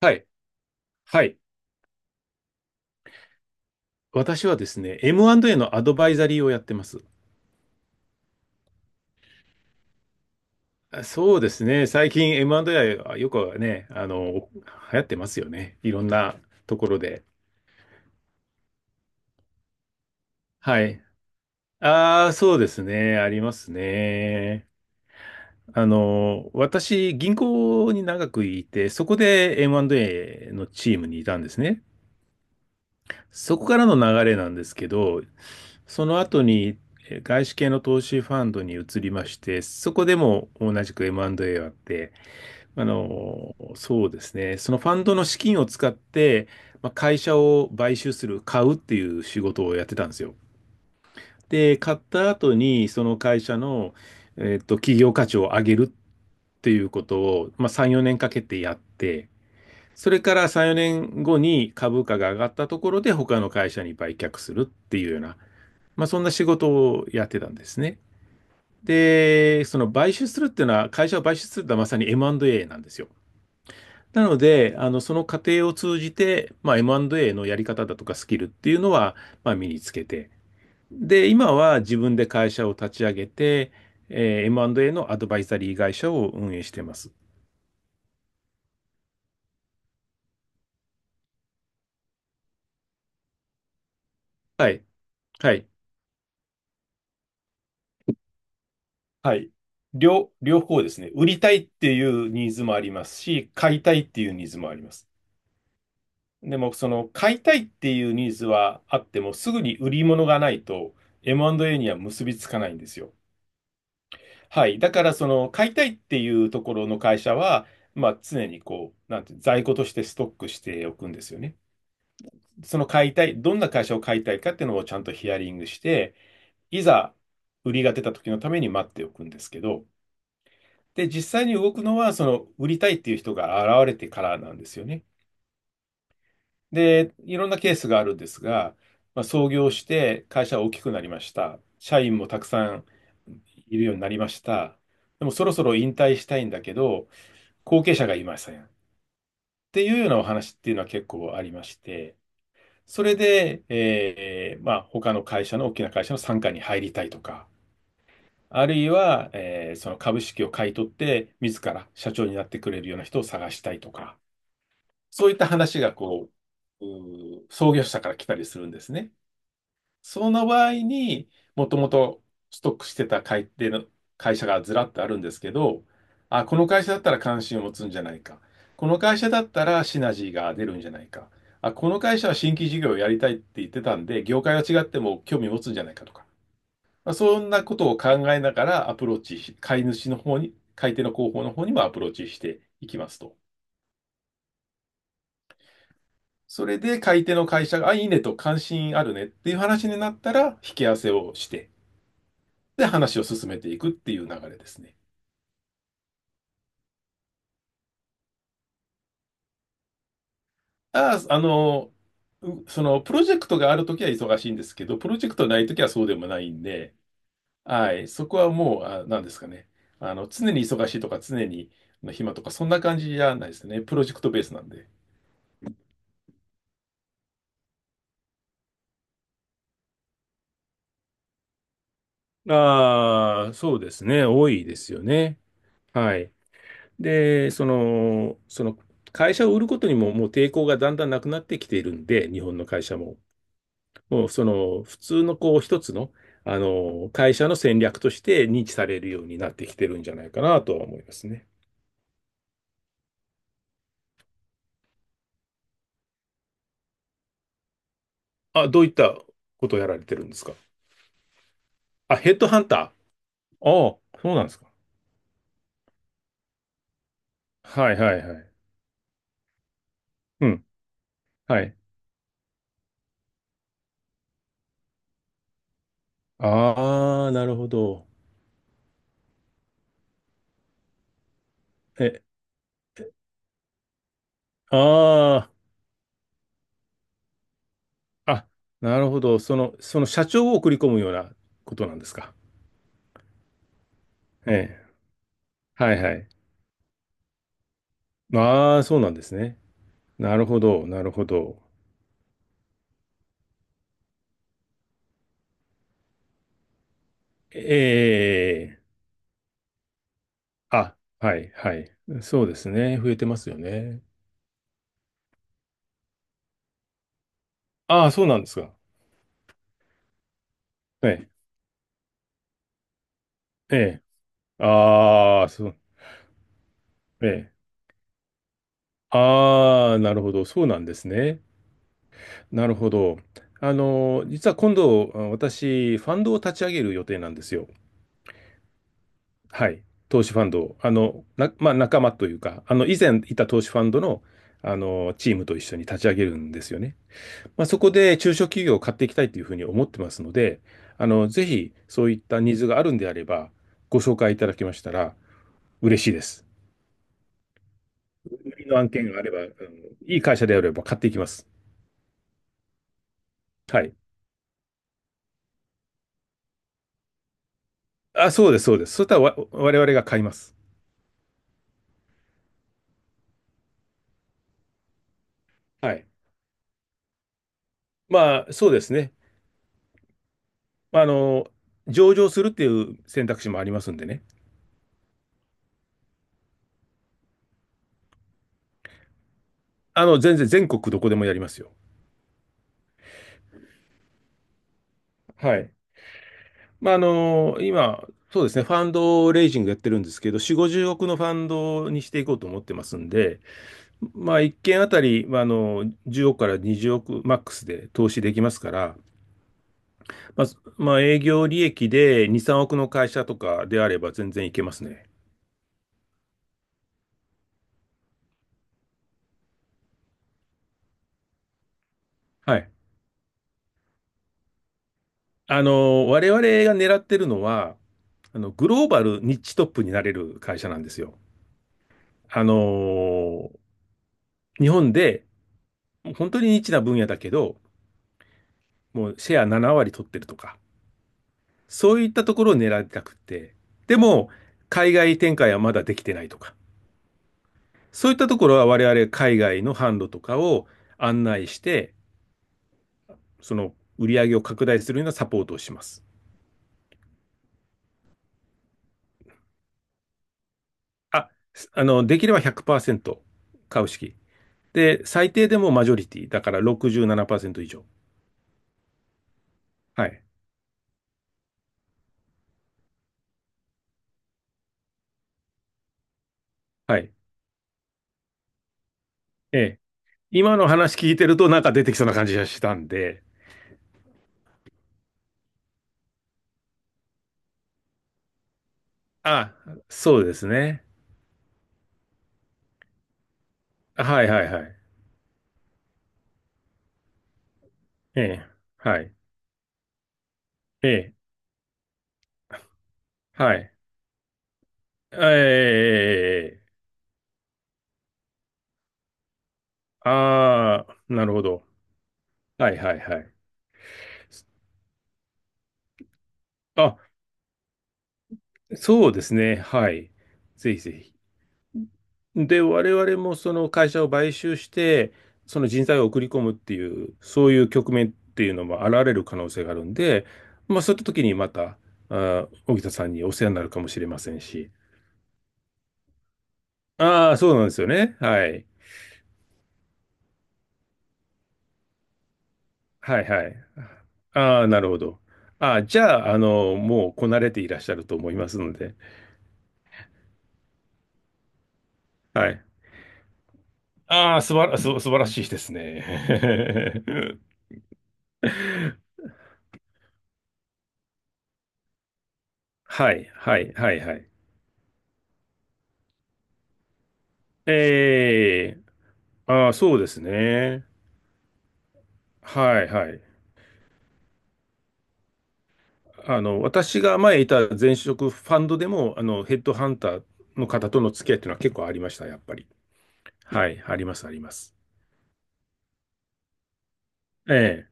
はい。はい。私はですね、M&A のアドバイザリーをやってます。あ、そうですね。最近 M&A はよくね、流行ってますよね。いろんなところで。はい。ああ、そうですね。ありますね。私、銀行に長くいて、そこで M&A のチームにいたんですね。そこからの流れなんですけど、その後に外資系の投資ファンドに移りまして、そこでも同じく M&A をやって、そうですね。そのファンドの資金を使って、まあ、会社を買収する、買うっていう仕事をやってたんですよ。で、買った後に、その会社の、企業価値を上げるっていうことを、まあ、3、4年かけてやって、それから3、4年後に株価が上がったところで、他の会社に売却するっていうような、まあ、そんな仕事をやってたんですね。で、その買収するっていうのは、会社を買収するってのはまさに M&A なんですよ。なので、その過程を通じて、まあ、M&A のやり方だとかスキルっていうのは、まあ、身につけて。で、今は自分で会社を立ち上げて、M&A のアドバイザリー会社を運営しています。はい。はい。はい。両方ですね。売りたいっていうニーズもありますし、買いたいっていうニーズもあります。でも、その買いたいっていうニーズはあっても、すぐに売り物がないと M&A には結びつかないんですよ。はい。だから、その、買いたいっていうところの会社は、まあ、常にこう、なんて、在庫としてストックしておくんですよね。その買いたい、どんな会社を買いたいかっていうのをちゃんとヒアリングして、いざ売りが出た時のために待っておくんですけど、で、実際に動くのは、その、売りたいっていう人が現れてからなんですよね。で、いろんなケースがあるんですが、まあ、創業して会社は大きくなりました。社員もたくさんいるようになりました。でも、そろそろ引退したいんだけど、後継者がいません。っていうようなお話っていうのは結構ありまして、それで、まあ、他の会社の大きな会社の傘下に入りたいとか、あるいは、その株式を買い取って、自ら社長になってくれるような人を探したいとか、そういった話がこう、創業者から来たりするんですね。その場合に、もともとストックしてた買い手の会社がずらっとあるんですけど、あ、この会社だったら関心を持つんじゃないか。この会社だったらシナジーが出るんじゃないか。あ、この会社は新規事業をやりたいって言ってたんで、業界は違っても興味持つんじゃないかとか。まあ、そんなことを考えながらアプローチし、買い主の方に、買い手の広報の方にもアプローチしていきますと。それで買い手の会社が、あ、いいねと関心あるねっていう話になったら、引き合わせをして、で、話を進めていくっていう流れですね。ああ、その、プロジェクトがあるときは忙しいんですけど、プロジェクトないときはそうでもないんで、はい、そこはもう、あ、なんですかね。常に忙しいとか、常に暇とか、そんな感じじゃないですね。プロジェクトベースなんで。ああ、そうですね。多いですよね。はい。で、その、会社を売ることにももう抵抗がだんだんなくなってきているんで、日本の会社も。もうその普通のこう一つの、会社の戦略として認知されるようになってきてるんじゃないかなとは思いますね。あ、どういったことをやられてるんですかあ、ヘッドハンター。ああ、そうなんですか。はいはいはい。うん。はい。ああ、なるほど。え、ああ、あ、なるほど。その社長を送り込むようなことなんですか。ええ。はいはい。ああ、そうなんですね。なるほど、なるほど。ええ。あ、はい、はい。そうですね。増えてますよね。ああ、そうなんですか。ええ、ええ。ああ、そう、ええ。ああ、なるほど。そうなんですね。なるほど。実は今度、私、ファンドを立ち上げる予定なんですよ。はい。投資ファンドを。まあ、仲間というか、以前いた投資ファンドの、チームと一緒に立ち上げるんですよね。まあ、そこで中小企業を買っていきたいというふうに思ってますので、ぜひそういったニーズがあるんであれば、ご紹介いただけましたら嬉しいです。売りの案件があれば、うん、いい会社であれば買っていきます。はい。あ、そうです、そうです。そしたら我々が買います。はい。まあ、そうですね。まあ上場するっていう選択肢もありますんでね。全然全国どこでもやりますよ。はい。まあ、今、そうですね、ファンドレイジングやってるんですけど、4、50億のファンドにしていこうと思ってますんで、まあ、1件あたり、まあ、10億から20億マックスで投資できますから、まあ、まあ、営業利益で2、3億の会社とかであれば全然いけますね。はい。我々が狙ってるのは、グローバルニッチトップになれる会社なんですよ。あの、日本で本当にニッチな分野だけど、もうシェア7割取ってるとか、そういったところを狙いたくて、でも、海外展開はまだできてないとか。そういったところは我々海外の販路とかを案内して、その売り上げを拡大するようなサポートをします。あ、できれば100%株式。で、最低でもマジョリティ。だから67%以上。はい。はい。ええ。今の話聞いてるとなんか出てきそうな感じがしたんで。あ、そうですね。はいはいはい。ええ。はい。ええ。はい。ええ。ああ、なるほど。はいはいはい。あ、そうですね。はい。ぜひぜひ。で、我々もその会社を買収して、その人材を送り込むっていう、そういう局面っていうのも現れる可能性があるんで、まあそういった時にまた、荻田さんにお世話になるかもしれませんし。ああ、そうなんですよね。はい。はいはい。ああ、なるほど。ああ、じゃあ、もうこなれていらっしゃると思いますので。はい。ああ、すばら、す素晴らしいですね。はい、はい、はい、はい。ええ、ああ、そうですね。はい、はい。私が前いた前職ファンドでも、ヘッドハンターの方との付き合いっていうのは結構ありました、やっぱり。はい、あります、あります。ええ、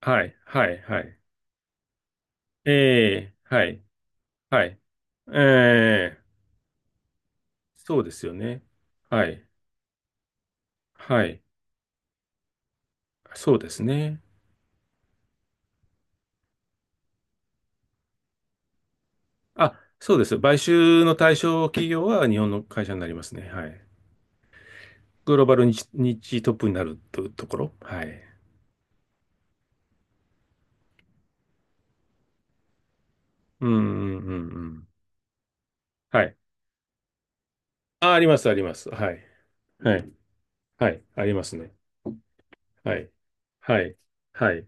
はい、はい、はい。ええ、はい、はい。ええ、そうですよね。はい、はい。そうですね。あ、そうです。買収の対象企業は日本の会社になりますね。はい。グローバルに日トップになるというところ。はい。うん、うん、うんうん。はい。あ、あります、あります。はい。はい。はい。ありますね。はい。はい。はい。